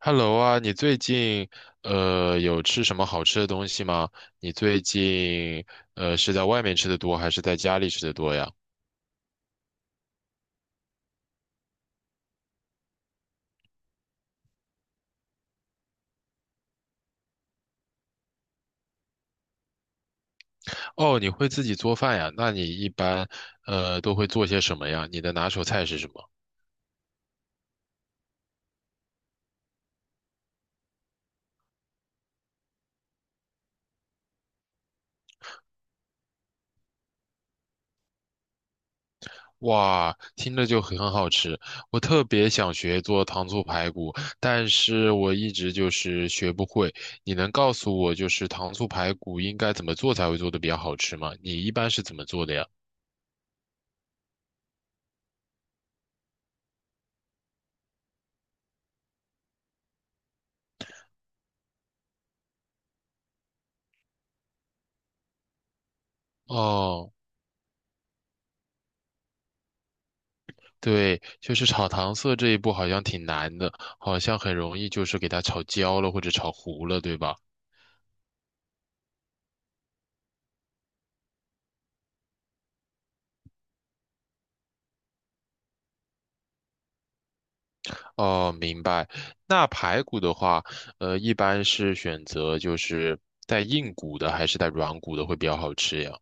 Hello 啊，你最近有吃什么好吃的东西吗？你最近是在外面吃的多还是在家里吃的多呀？哦，你会自己做饭呀？那你一般都会做些什么呀？你的拿手菜是什么？哇，听着就很好吃，我特别想学做糖醋排骨，但是我一直就是学不会。你能告诉我就是糖醋排骨应该怎么做才会做的比较好吃吗？你一般是怎么做的呀？哦。对，就是炒糖色这一步好像挺难的，好像很容易就是给它炒焦了或者炒糊了，对吧？哦，明白。那排骨的话，一般是选择就是带硬骨的还是带软骨的会比较好吃呀？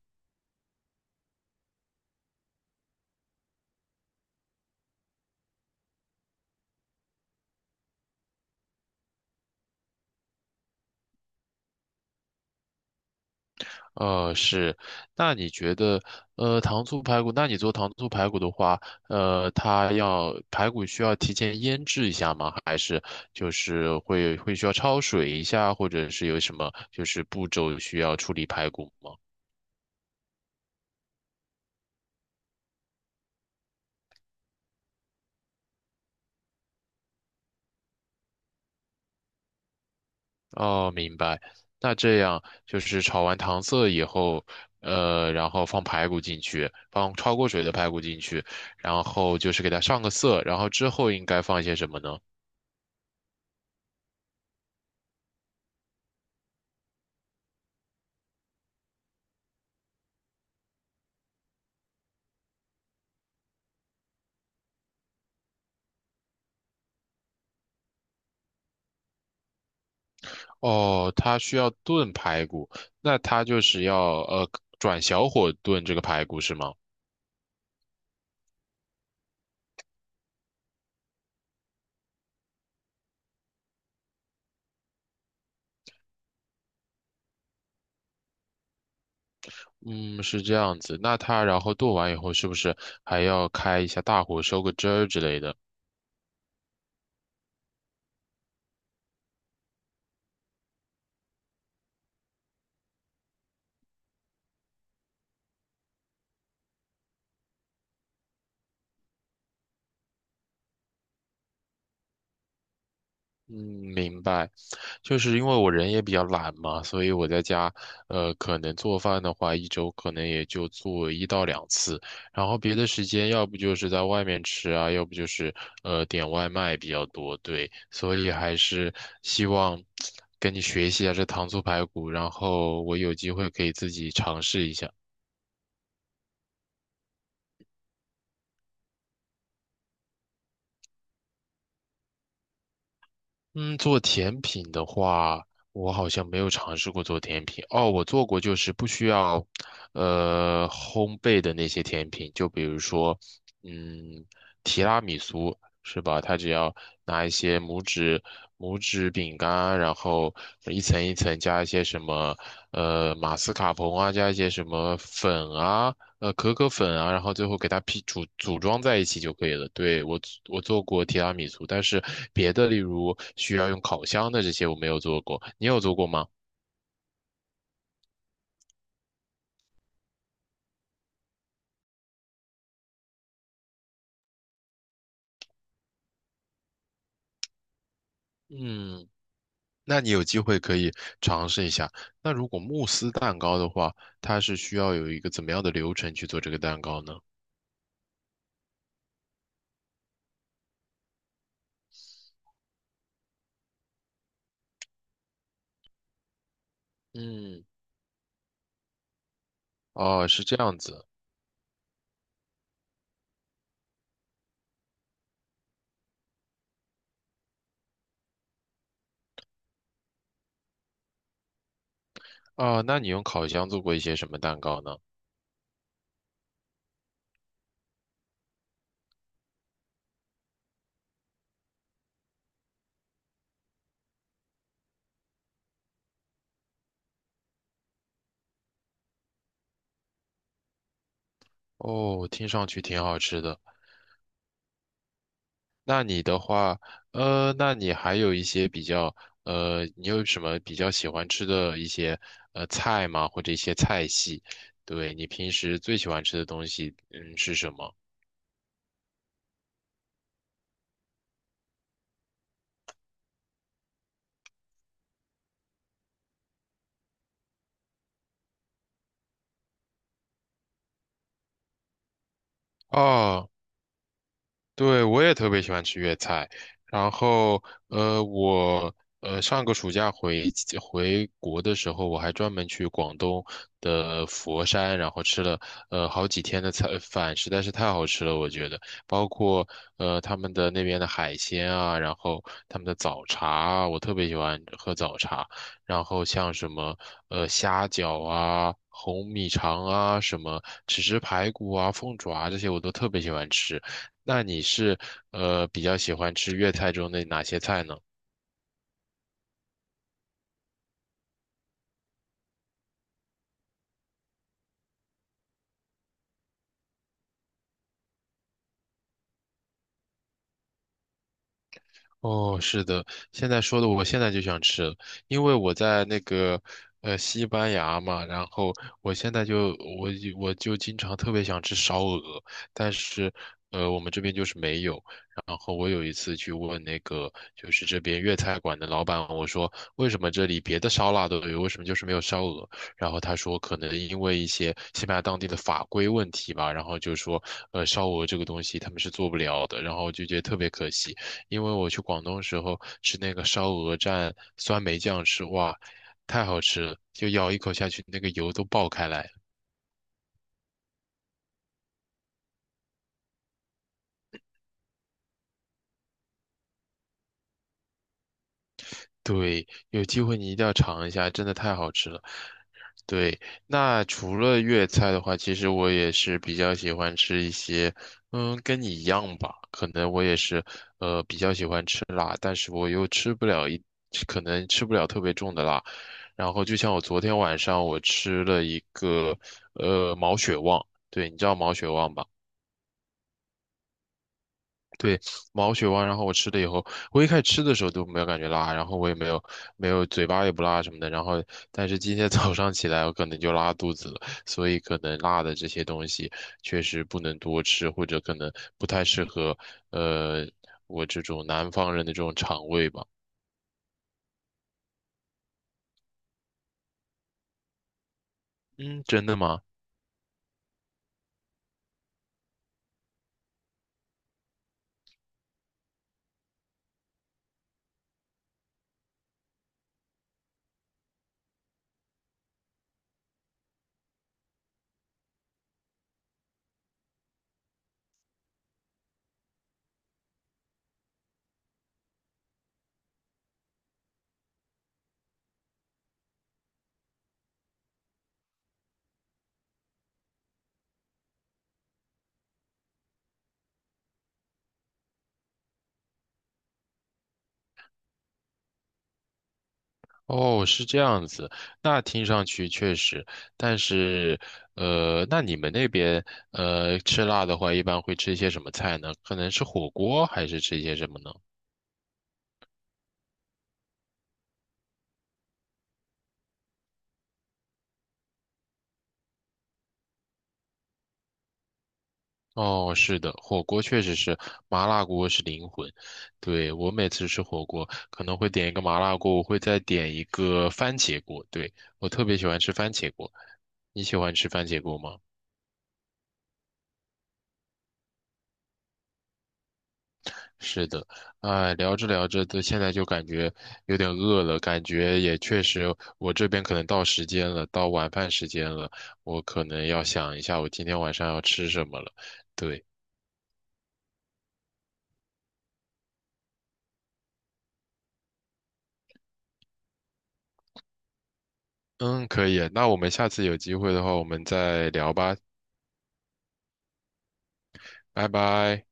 呃，是，那你觉得，糖醋排骨，那你做糖醋排骨的话，它要排骨需要提前腌制一下吗？还是就是会需要焯水一下，或者是有什么就是步骤需要处理排骨吗？哦，明白。那这样就是炒完糖色以后，然后放排骨进去，放焯过水的排骨进去，然后就是给它上个色，然后之后应该放一些什么呢？哦，它需要炖排骨，那它就是要转小火炖这个排骨是吗？嗯，是这样子。那它然后炖完以后，是不是还要开一下大火收个汁儿之类的？嗯，明白，就是因为我人也比较懒嘛，所以我在家，可能做饭的话，一周可能也就做一到两次，然后别的时间要不就是在外面吃啊，要不就是点外卖比较多，对，所以还是希望跟你学习一下这糖醋排骨，然后我有机会可以自己尝试一下。嗯，做甜品的话，我好像没有尝试过做甜品。哦，我做过，就是不需要，烘焙的那些甜品，就比如说，嗯，提拉米苏是吧？它只要拿一些拇指饼干，然后一层一层加一些什么，马斯卡彭啊，加一些什么粉啊，可可粉啊，然后最后给它批组组装在一起就可以了。对，我做过提拉米苏，但是别的例如需要用烤箱的这些我没有做过，你有做过吗？嗯，那你有机会可以尝试一下。那如果慕斯蛋糕的话，它是需要有一个怎么样的流程去做这个蛋糕呢？嗯，哦，是这样子。啊，那你用烤箱做过一些什么蛋糕呢？哦，听上去挺好吃的。那你的话，那你还有一些比较，你有什么比较喜欢吃的一些菜吗？或者一些菜系？对，你平时最喜欢吃的东西，嗯，是什么？哦，对，我也特别喜欢吃粤菜。然后，我上个暑假回国的时候，我还专门去广东的佛山，然后吃了好几天的菜饭，实在是太好吃了，我觉得。包括他们的那边的海鲜啊，然后他们的早茶啊，我特别喜欢喝早茶。然后像什么虾饺啊、红米肠啊、什么豉汁排骨啊、凤爪啊这些，我都特别喜欢吃。那你是比较喜欢吃粤菜中的哪些菜呢？哦，是的，现在说的我现在就想吃了因为我在那个西班牙嘛，然后我现在就我经常特别想吃烧鹅，但是我们这边就是没有。然后我有一次去问那个就是这边粤菜馆的老板，我说为什么这里别的烧腊都有，为什么就是没有烧鹅？然后他说可能因为一些西班牙当地的法规问题吧，然后就说烧鹅这个东西他们是做不了的，然后就觉得特别可惜。因为我去广东时候吃那个烧鹅蘸酸梅酱吃，哇，太好吃了，就咬一口下去，那个油都爆开来。对，有机会你一定要尝一下，真的太好吃了。对，那除了粤菜的话，其实我也是比较喜欢吃一些，嗯，跟你一样吧，可能我也是，比较喜欢吃辣，但是我又吃不了一，可能吃不了特别重的辣。然后就像我昨天晚上我吃了一个，毛血旺，对，你知道毛血旺吧？对，毛血旺，然后我吃了以后，我一开始吃的时候都没有感觉辣，然后我也没有嘴巴也不辣什么的，然后但是今天早上起来我可能就拉肚子了，所以可能辣的这些东西确实不能多吃，或者可能不太适合呃我这种南方人的这种肠胃吧。嗯，真的吗？哦，是这样子，那听上去确实，但是，那你们那边，吃辣的话，一般会吃一些什么菜呢？可能是火锅，还是吃一些什么呢？哦，是的，火锅确实是，麻辣锅是灵魂。对，我每次吃火锅，可能会点一个麻辣锅，我会再点一个番茄锅。对，我特别喜欢吃番茄锅，你喜欢吃番茄锅吗？是的，哎，聊着聊着的，都现在就感觉有点饿了，感觉也确实，我这边可能到时间了，到晚饭时间了，我可能要想一下我今天晚上要吃什么了。对，嗯，可以，那我们下次有机会的话，我们再聊吧，拜拜。